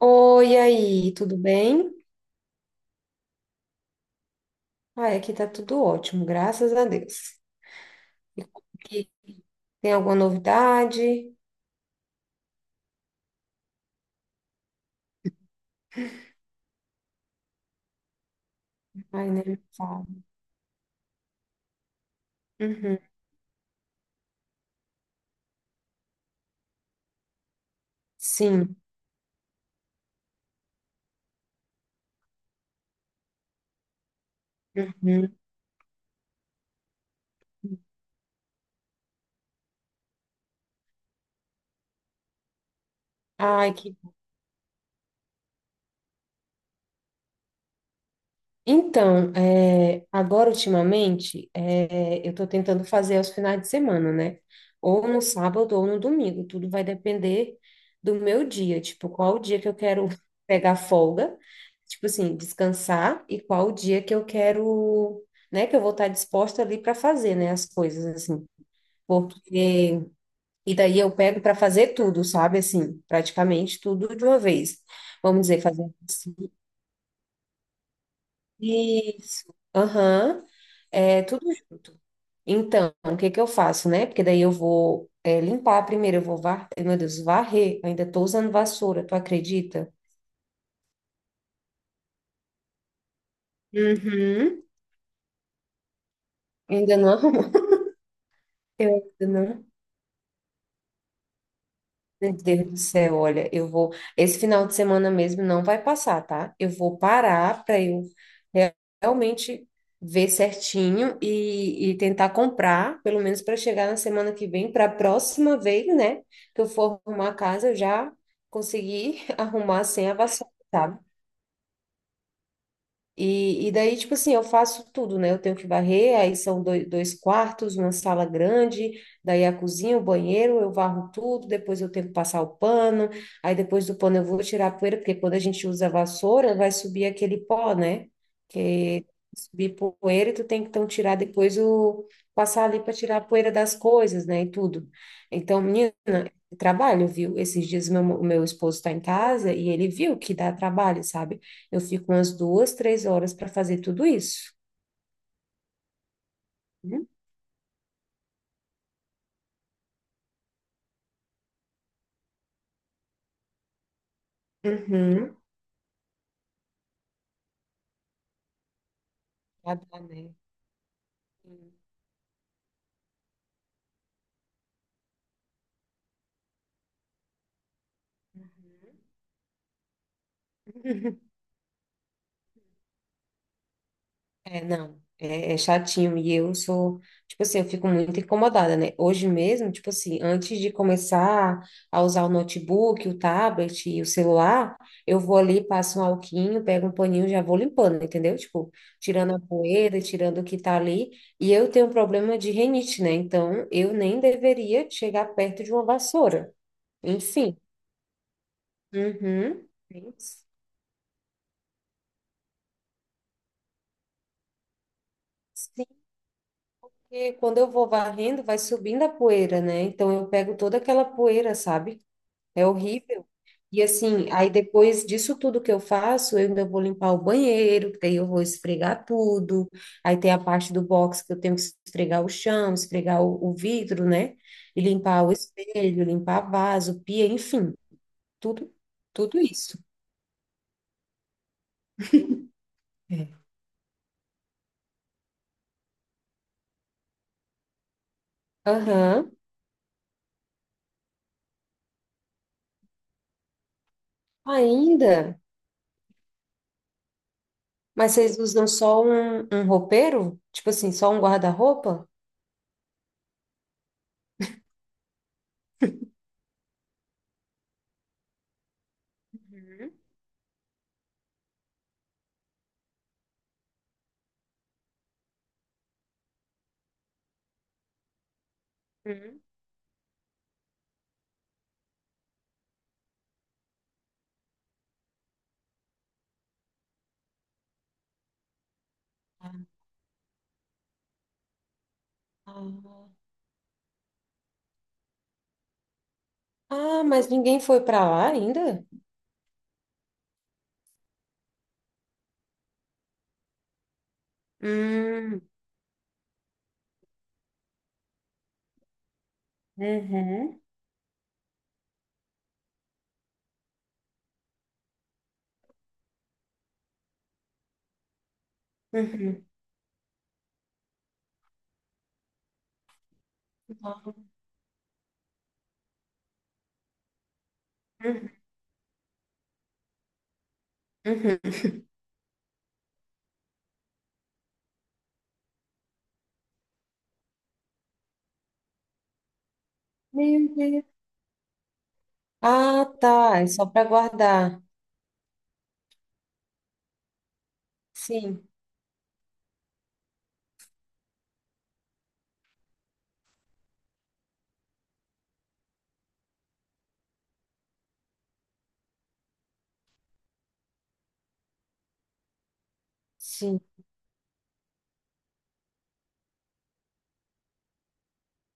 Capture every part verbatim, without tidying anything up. Oi, e aí, tudo bem? Ai, aqui tá tudo ótimo, graças a Deus. E aqui, tem alguma novidade? Ai, nem me fala. Uhum. Sim. Uhum. Ai, que... Então, é, agora ultimamente, é, eu estou tentando fazer aos finais de semana, né? Ou no sábado ou no domingo. Tudo vai depender do meu dia, tipo, qual o dia que eu quero pegar folga, tipo assim, descansar, e qual o dia que eu quero, né, que eu vou estar disposta ali para fazer, né, as coisas, assim. Porque, e daí eu pego para fazer tudo, sabe? Assim, praticamente tudo de uma vez. Vamos dizer, fazer isso. Aham. É tudo junto. Então, o que que eu faço, né? Porque daí eu vou é, limpar primeiro, eu vou var... meu Deus, varrer. Eu ainda tô usando vassoura, tu acredita? Uhum. Ainda não arrumou. Eu ainda não... Meu Deus do céu, olha, eu vou. Esse final de semana mesmo não vai passar, tá? Eu vou parar para eu re- realmente ver certinho e, e tentar comprar, pelo menos para chegar na semana que vem, para a próxima vez, né? Que eu for arrumar a casa, eu já conseguir arrumar sem a vassoura, sabe? E, e daí, tipo assim, eu faço tudo, né? Eu tenho que varrer, aí são dois, dois quartos, uma sala grande, daí a cozinha, o banheiro, eu varro tudo, depois eu tenho que passar o pano, aí depois do pano eu vou tirar a poeira, porque quando a gente usa a vassoura, vai subir aquele pó, né? Que subir poeira e tu tem que então tirar depois o... passar ali para tirar a poeira das coisas, né? E tudo. Então, menina, trabalho, viu? Esses dias meu, meu esposo está em casa e ele viu que dá trabalho, sabe? Eu fico umas duas, três horas para fazer tudo isso. Uhum. Uhum. Já dá, né? Sim. Uhum. É, não, é, é chatinho e eu sou, tipo assim, eu fico muito incomodada, né? Hoje mesmo, tipo assim, antes de começar a usar o notebook, o tablet e o celular, eu vou ali, passo um alquinho, pego um paninho, e já vou limpando, entendeu? Tipo, tirando a poeira, tirando o que tá ali. E eu tenho um problema de rinite, né? Então, eu nem deveria chegar perto de uma vassoura. E sim. Uhum. Isso. Sim, porque quando eu vou varrendo, vai subindo a poeira, né? Então eu pego toda aquela poeira, sabe? É horrível. E assim, aí depois disso tudo que eu faço, eu ainda vou limpar o banheiro, que daí eu vou esfregar tudo. Aí tem a parte do box que eu tenho que esfregar o chão, esfregar o, o vidro, né? E limpar o espelho, limpar vaso, pia, enfim, tudo, tudo isso. É. Aham. Ainda. Mas vocês usam só um, um roupeiro? Tipo assim, só um guarda-roupa? Uhum, uhum. Ah... Ah, mas ninguém foi para lá ainda? Hum, uhum. Uhum. Ah, uhum, uhum. Meu Deus. Ah, tá. É só para guardar. Sim, sim.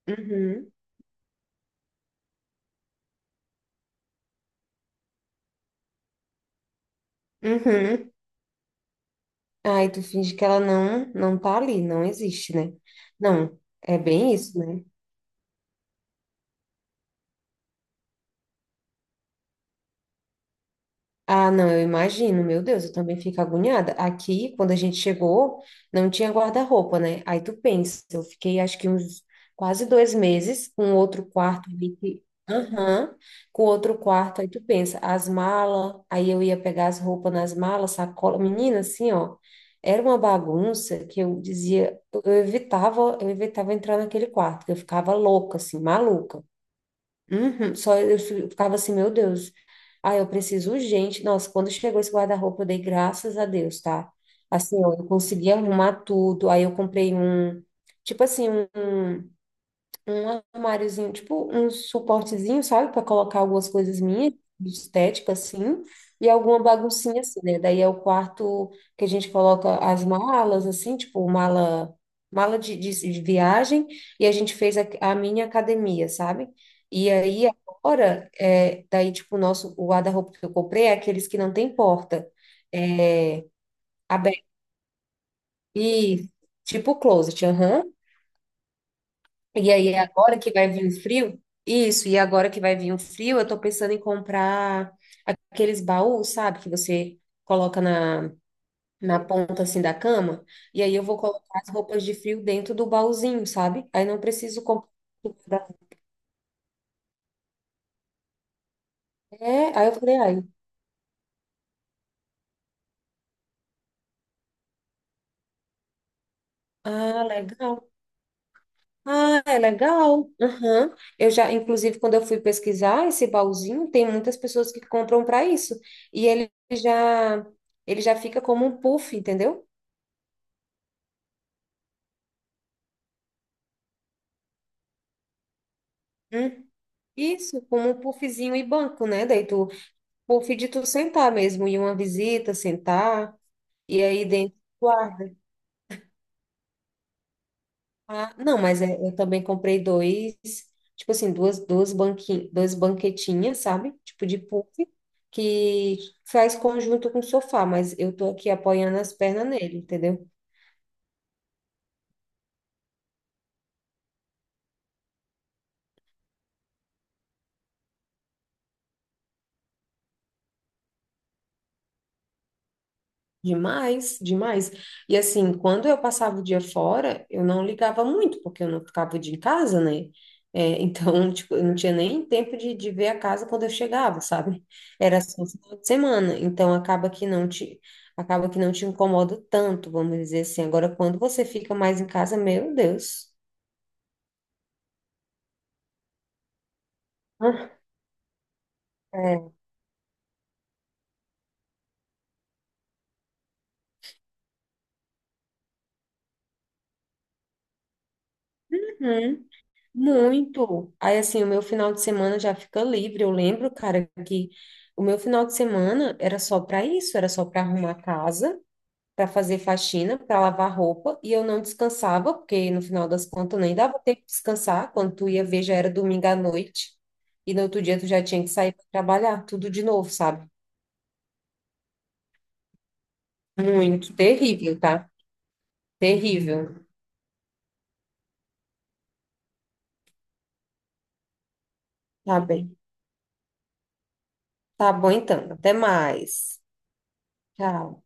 Uhum. Uhum. Aí tu finge que ela não, não tá ali, não existe, né? Não, é bem isso, né? Ah, não, eu imagino, meu Deus, eu também fico agoniada. Aqui, quando a gente chegou, não tinha guarda-roupa, né? Aí tu pensa, eu fiquei acho que uns quase dois meses com outro quarto ali que... Aham, com outro quarto, aí tu pensa, as malas, aí eu ia pegar as roupas nas malas, sacola, menina, assim, ó, era uma bagunça que eu dizia, eu eu evitava, eu evitava entrar naquele quarto, que eu ficava louca, assim, maluca. Uhum, só eu fi- ficava assim, meu Deus. Ah, eu preciso urgente. Nossa, quando chegou esse guarda-roupa, eu dei graças a Deus, tá? Assim, ó, eu consegui arrumar tudo. Aí eu comprei um, tipo assim, um um armáriozinho, tipo um suportezinho, sabe, para colocar algumas coisas minhas, de estética assim, e alguma baguncinha assim, né? Daí é o quarto que a gente coloca as malas assim, tipo mala mala de, de, de viagem, e a gente fez a, a minha academia, sabe? E aí agora, é, daí tipo o nosso o guarda-roupa que eu comprei é aqueles que não tem porta, é, aberto e tipo closet, aham. E aí, agora que vai vir o frio, isso, e agora que vai vir o frio, eu tô pensando em comprar aqueles baús, sabe, que você coloca na, na ponta assim da cama, e aí eu vou colocar as roupas de frio dentro do baúzinho, sabe? Aí não preciso comprar. É, aí eu falei, ai, ah, legal. Ah, é legal. Aham. Eu já, inclusive, quando eu fui pesquisar esse baúzinho, tem muitas pessoas que compram para isso. E ele já, ele já fica como um puff, entendeu? Hum. Isso, como um puffzinho e banco, né? Daí tu, puff de tu sentar mesmo, em uma visita, sentar, e aí dentro guarda. Ah, não, mas é... eu também comprei dois, tipo assim, duas, duas banquinhas, duas banquetinhas, sabe? Tipo de puff, que faz conjunto com o sofá, mas eu tô aqui apoiando as pernas nele, entendeu? Demais, demais. E assim, quando eu passava o dia fora, eu não ligava muito, porque eu não ficava o dia em casa, né? É, então, tipo, eu não tinha nem tempo de, de ver a casa quando eu chegava, sabe? Era só no final de semana. Então, acaba que não te, acaba que não te incomoda tanto, vamos dizer assim. Agora, quando você fica mais em casa, meu Deus. É. Uhum. Muito. Aí, assim, o meu final de semana já fica livre. Eu lembro, cara, que o meu final de semana era só para isso, era só para arrumar a casa, para fazer faxina, para lavar roupa, e eu não descansava, porque no final das contas nem dava tempo de descansar. Quando tu ia ver, já era domingo à noite, e no outro dia tu já tinha que sair para trabalhar, tudo de novo, sabe? Muito terrível, tá? Terrível. Tá bem. Tá bom, então. Até mais. Tchau.